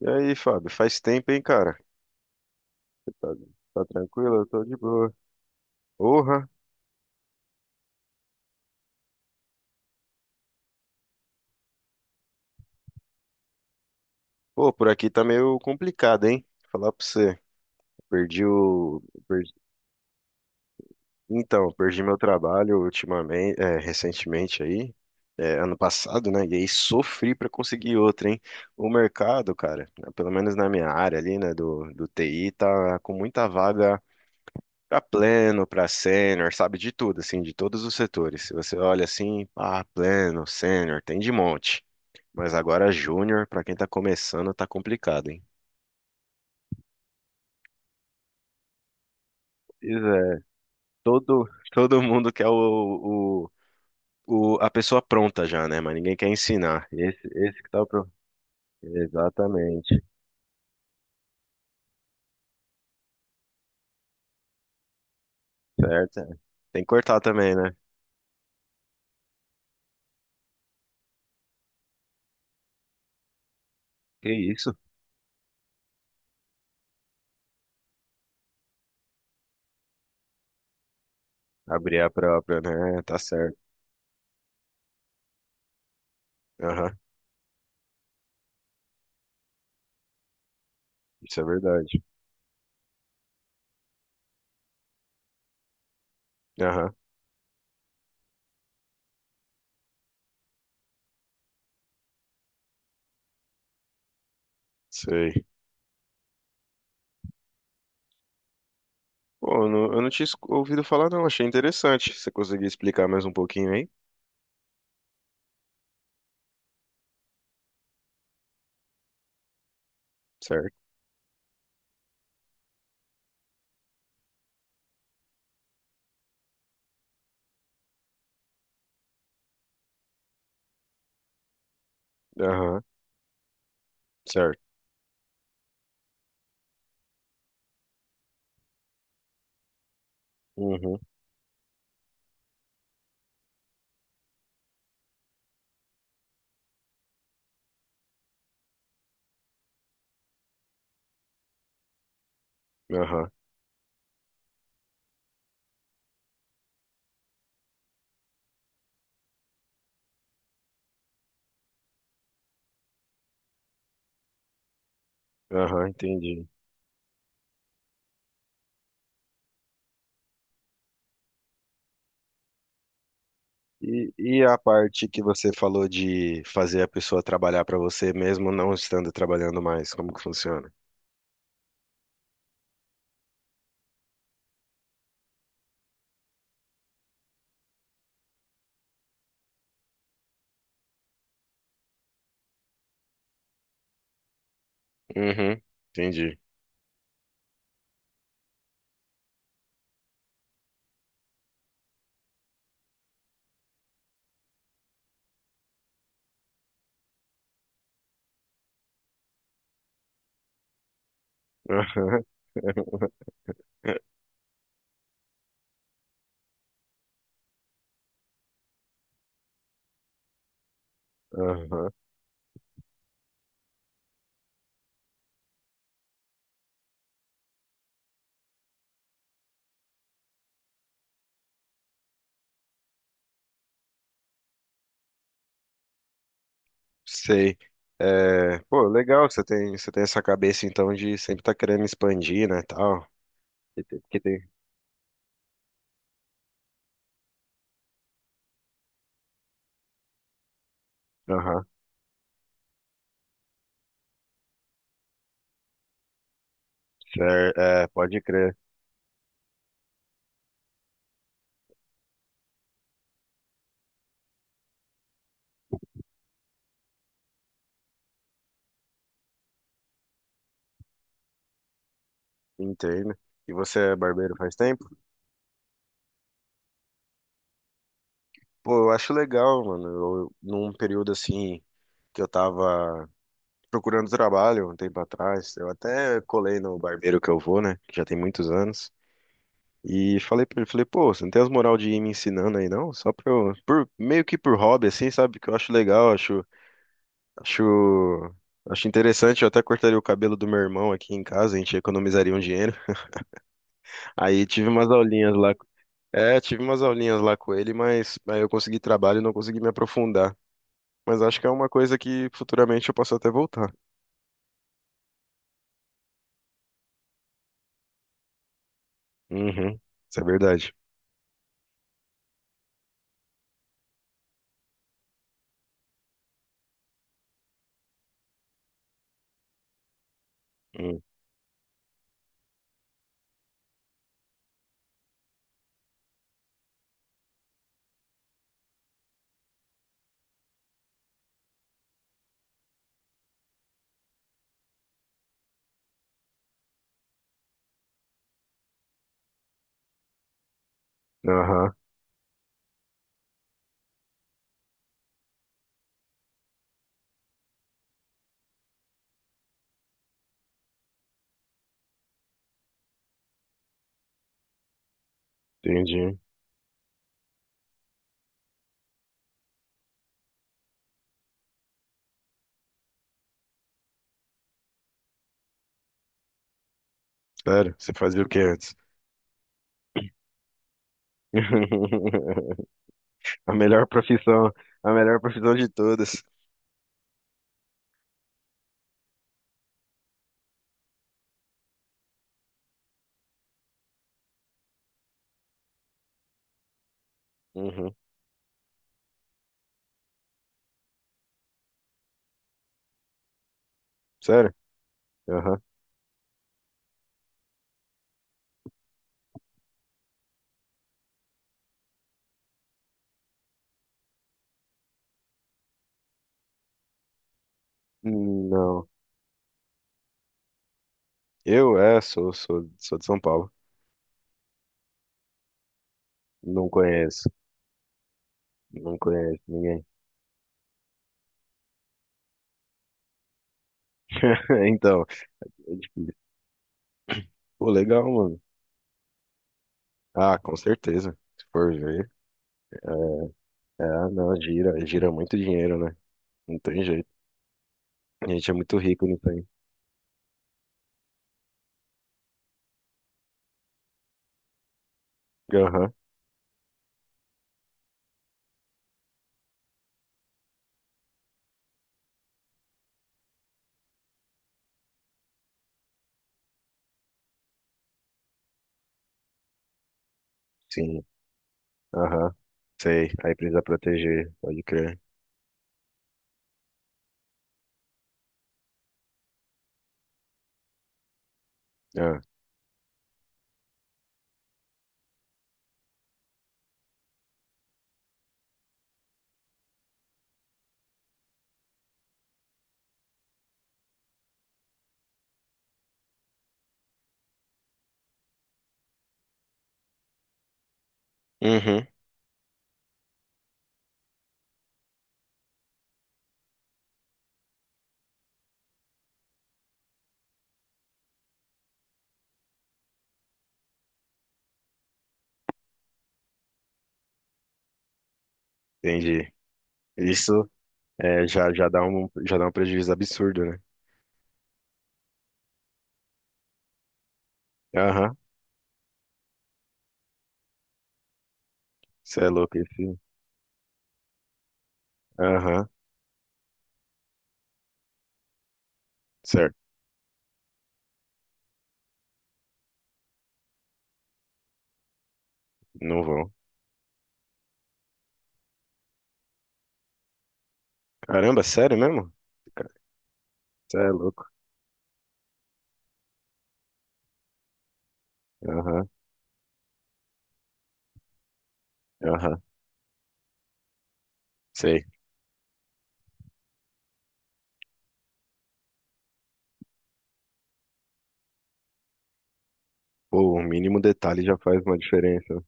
E aí, Fábio, faz tempo, hein, cara? Tá, tá tranquilo? Eu tô de boa. Porra! Pô, por aqui tá meio complicado, hein? Falar pra você. Perdi o. perdi- Então, perdi meu trabalho ultimamente, é, recentemente aí, é, ano passado, né? E aí sofri pra conseguir outro, hein? O mercado, cara, né, pelo menos na minha área ali, né, do TI, tá com muita vaga para pleno, para sênior, sabe, de tudo, assim, de todos os setores. Se você olha assim, ah, pleno, sênior, tem de monte. Mas agora júnior, para quem tá começando, tá complicado, hein? Pois é, todo mundo quer a pessoa pronta já, né? Mas ninguém quer ensinar. Esse que tá o pro... Exatamente, certo? Tem que cortar também, né? Que isso? Abrir a própria, né? Tá certo. Aham, isso é verdade. Aham, sei. Pô, eu não tinha ouvido falar, não. Achei interessante. Você conseguia explicar mais um pouquinho aí? Certo. Aham, certo. Uhum, aham, aham, entendi. E a parte que você falou de fazer a pessoa trabalhar pra você mesmo não estando trabalhando mais, como que funciona? Uhum, entendi. Aham, aham, sei. É, pô, legal, você tem essa cabeça então de sempre estar querendo expandir, né, tal. Porque tem- aham, cer- é, pode crer. Entendo. E você é barbeiro faz tempo? Pô, eu acho legal, mano. Eu, num período assim que eu tava procurando trabalho um tempo atrás, eu até colei no barbeiro que eu vou, né? Que já tem muitos anos. E falei pra ele, falei, pô, você não tem as moral de ir me ensinando aí, não? Só pra eu, por, meio que por hobby, assim, sabe? Que eu acho legal, acho, acho interessante. Eu até cortaria o cabelo do meu irmão aqui em casa, a gente economizaria um dinheiro. Aí tive umas aulinhas lá. É, tive umas aulinhas lá com ele, mas aí eu consegui trabalho e não consegui me aprofundar. Mas acho que é uma coisa que futuramente eu posso até voltar. Uhum, isso é verdade. Hum, Aham, entendi. Sério, você fazia o que antes? A melhor profissão, a melhor profissão de todas. Uhum, sério? Aham. Não. Eu sou de São Paulo. Não conheço, não conheço ninguém. Então, é difícil. Pô, legal, mano. Ah, com certeza. Se for ver. É, É, não, gira, gira muito dinheiro, né? Não tem jeito. A gente é muito rico, não tem? Aham, sim. Aham, sei. Aí precisa proteger, pode crer. Ah, uhum, entendi. Isso é, já, já dá um prejuízo absurdo, né? Aham, cê é louco, esse. Aham, certo, não vão. Caramba, sério mesmo? Cê é louco. Aham, aham, sei. Pô, o mínimo detalhe já faz uma diferença.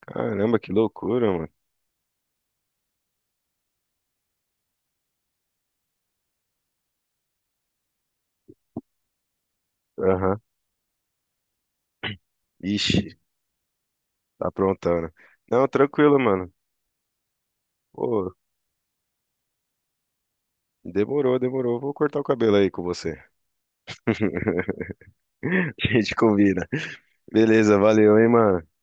Caramba, que loucura, mano. Aham. Ixi, tá aprontando. Não, tranquilo, mano. Pô, demorou, demorou. Vou cortar o cabelo aí com você. A gente combina. Beleza, valeu, hein, mano.